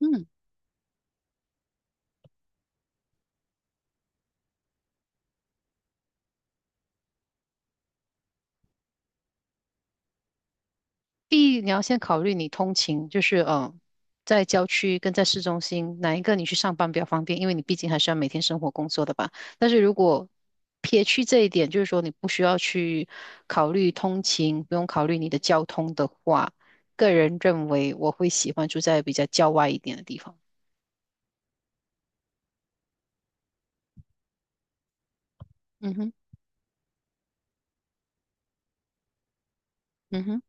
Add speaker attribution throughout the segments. Speaker 1: 嗯，第一你要先考虑你通勤，就是在郊区跟在市中心哪一个你去上班比较方便，因为你毕竟还是要每天生活工作的吧。但是如果撇去这一点，就是说你不需要去考虑通勤，不用考虑你的交通的话，个人认为我会喜欢住在比较郊外一点的地方。嗯哼，嗯哼。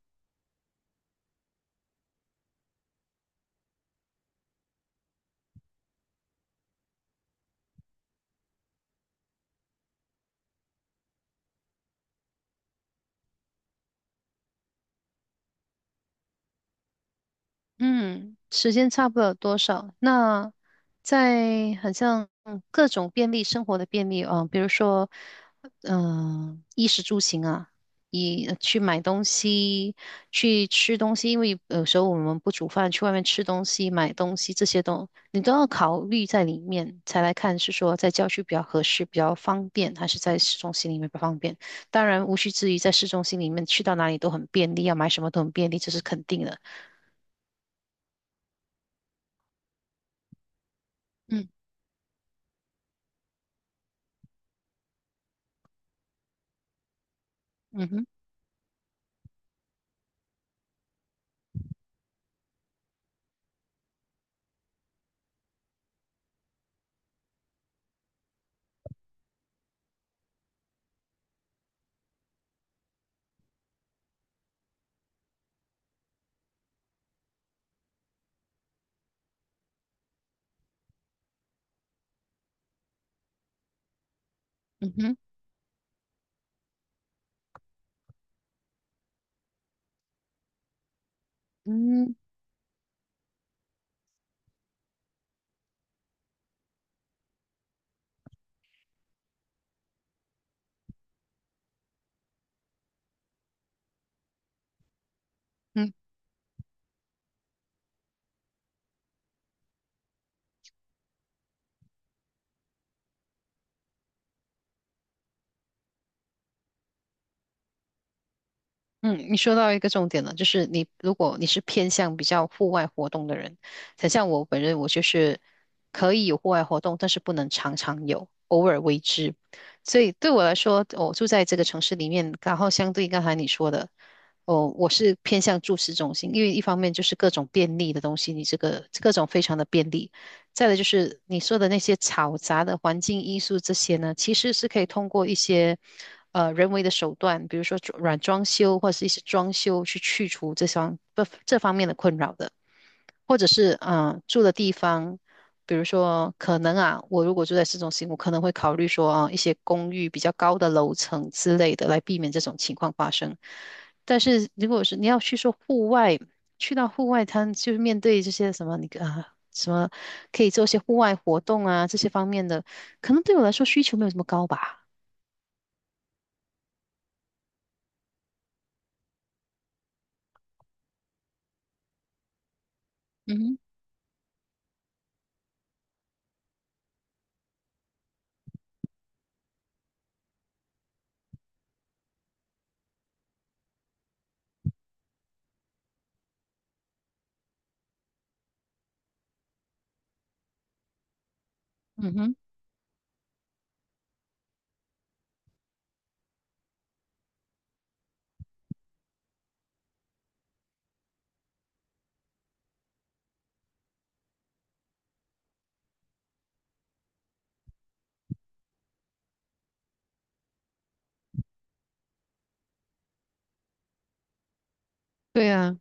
Speaker 1: 嗯，时间差不了多少。那在很像各种便利生活的便利啊，比如说，衣食住行啊，去买东西、去吃东西，因为有时候我们不煮饭，去外面吃东西、买东西这些你都要考虑在里面，才来看是说在郊区比较合适、比较方便，还是在市中心里面比较方便。当然，无需质疑，在市中心里面去到哪里都很便利，要买什么都很便利，这是肯定的。嗯嗯哼。嗯哼，嗯嗯嗯，你说到一个重点了，就是你如果是偏向比较户外活动的人，很像我本人，我就是可以有户外活动，但是不能常常有，偶尔为之。所以对我来说，我住在这个城市里面，然后相对刚才你说的，哦，我是偏向住市中心，因为一方面就是各种便利的东西，你这个各种非常的便利，再来就是你说的那些嘈杂的环境因素，这些呢，其实是可以通过一些人为的手段，比如说软装修或者是一些装修去去除这方面的困扰的。或者是住的地方，比如说可能啊，我如果住在市中心，我可能会考虑说啊一些公寓比较高的楼层之类的，来避免这种情况发生。但是如果是你要去说户外，去到户外滩，就是面对这些什么你啊什么可以做一些户外活动啊这些方面的，可能对我来说需求没有这么高吧。嗯哼。嗯哼，对啊。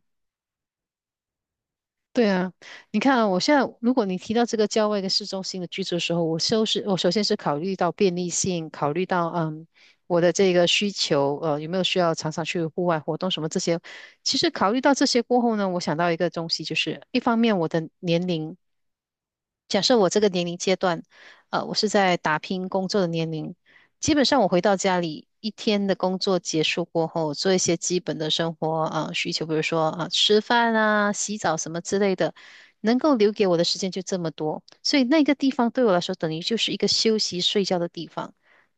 Speaker 1: 对啊，你看啊，我现在如果你提到这个郊外跟市中心的居住的时候，我首先是考虑到便利性，考虑到我的这个需求，有没有需要常常去户外活动什么这些。其实考虑到这些过后呢，我想到一个东西，就是一方面我的年龄。假设我这个年龄阶段，我是在打拼工作的年龄，基本上我回到家里一天的工作结束过后，做一些基本的生活啊、需求，比如说啊、吃饭啊、洗澡什么之类的，能够留给我的时间就这么多，所以那个地方对我来说等于就是一个休息睡觉的地方，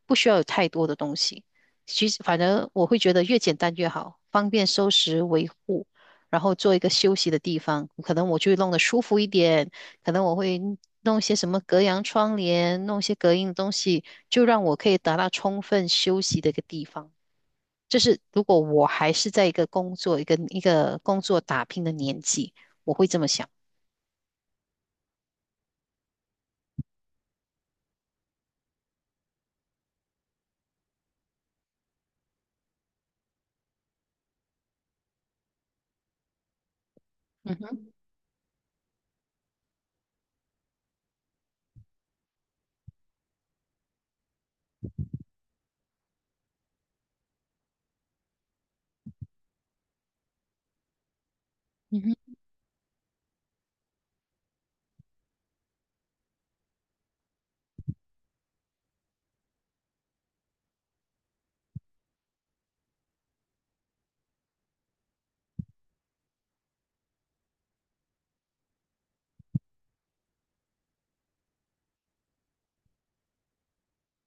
Speaker 1: 不需要有太多的东西。其实，反正我会觉得越简单越好，方便收拾维护，然后做一个休息的地方，可能我就会弄得舒服一点。可能我会弄些什么隔阳窗帘，弄些隔音的东西，就让我可以达到充分休息的一个地方。就是如果我还是在一个工作、一个工作打拼的年纪，我会这么想。嗯哼。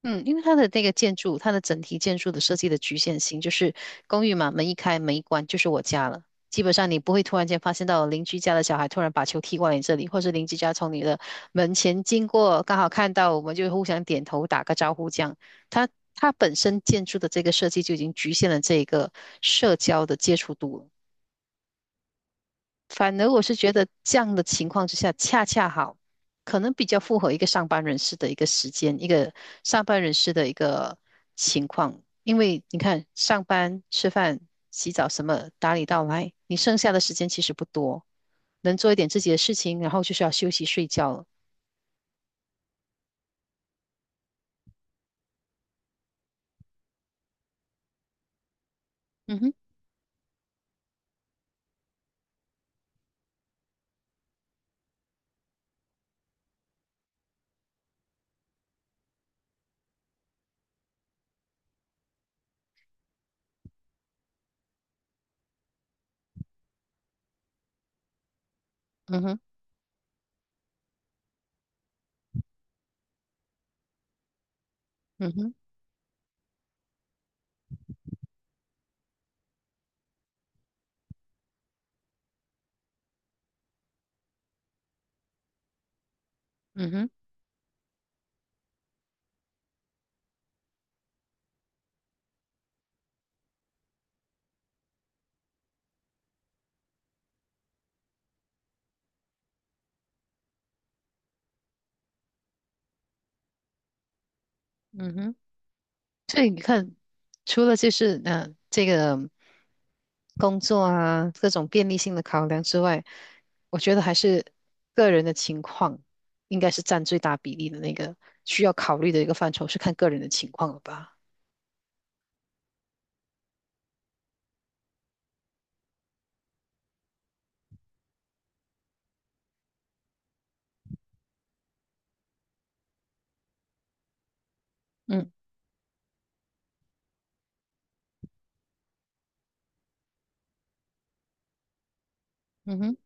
Speaker 1: 嗯，因为它的那个建筑，它的整体建筑的设计的局限性，就是公寓嘛，门一开门一关就是我家了。基本上你不会突然间发现到邻居家的小孩突然把球踢过来你这里，或是邻居家从你的门前经过，刚好看到我们就互相点头打个招呼这样。它它本身建筑的这个设计就已经局限了这个社交的接触度了。反而我是觉得这样的情况之下，恰恰好，可能比较符合一个上班人士的一个时间，一个上班人士的一个情况。因为你看，上班、吃饭、洗澡什么打理到来，你剩下的时间其实不多，能做一点自己的事情，然后就是要休息睡觉了。嗯哼，嗯哼，嗯哼，嗯哼，嗯哼。所以你看，除了就是这个工作啊各种便利性的考量之外，我觉得还是个人的情况应该是占最大比例的那个需要考虑的一个范畴，是看个人的情况了吧？嗯嗯哼，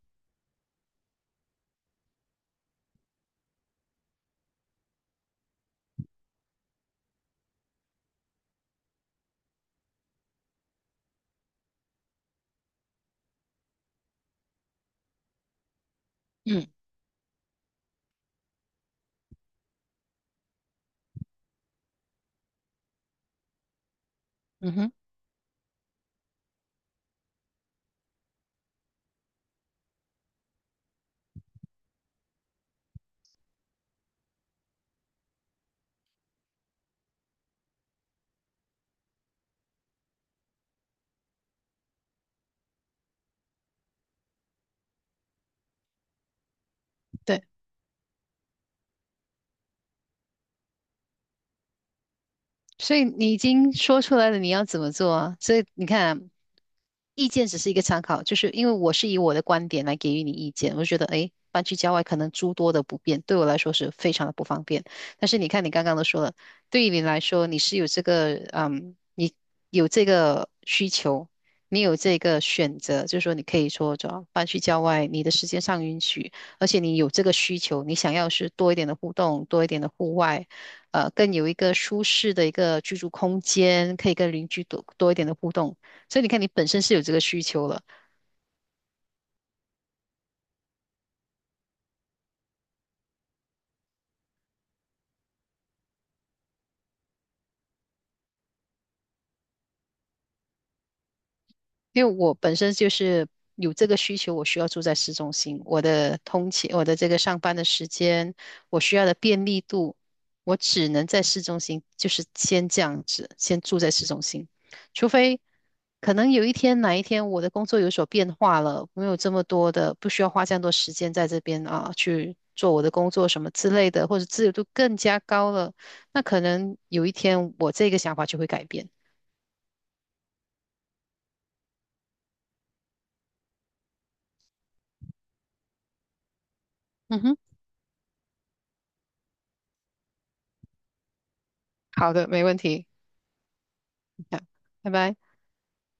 Speaker 1: 嗯嗯哼，对。所以你已经说出来了，你要怎么做啊？所以你看啊，意见只是一个参考，就是因为我是以我的观点来给予你意见，我就觉得，诶，搬去郊外可能诸多的不便，对我来说是非常的不方便。但是你看，你刚刚都说了，对于你来说，你是有这个，嗯，你有这个需求，你有这个选择，就是说你可以说，主要搬去郊外，你的时间上允许，而且你有这个需求，你想要是多一点的互动，多一点的户外。更有一个舒适的一个居住空间，可以跟邻居多一点的互动。所以你看，你本身是有这个需求了，因为我本身就是有这个需求，我需要住在市中心，我的通勤，我的这个上班的时间，我需要的便利度，我只能在市中心，就是先这样子，先住在市中心，除非可能有哪一天我的工作有所变化了，没有这么多的，不需要花这样多时间在这边啊，去做我的工作什么之类的，或者自由度更加高了，那可能有一天我这个想法就会改变。嗯哼，好的，没问题，好拜拜。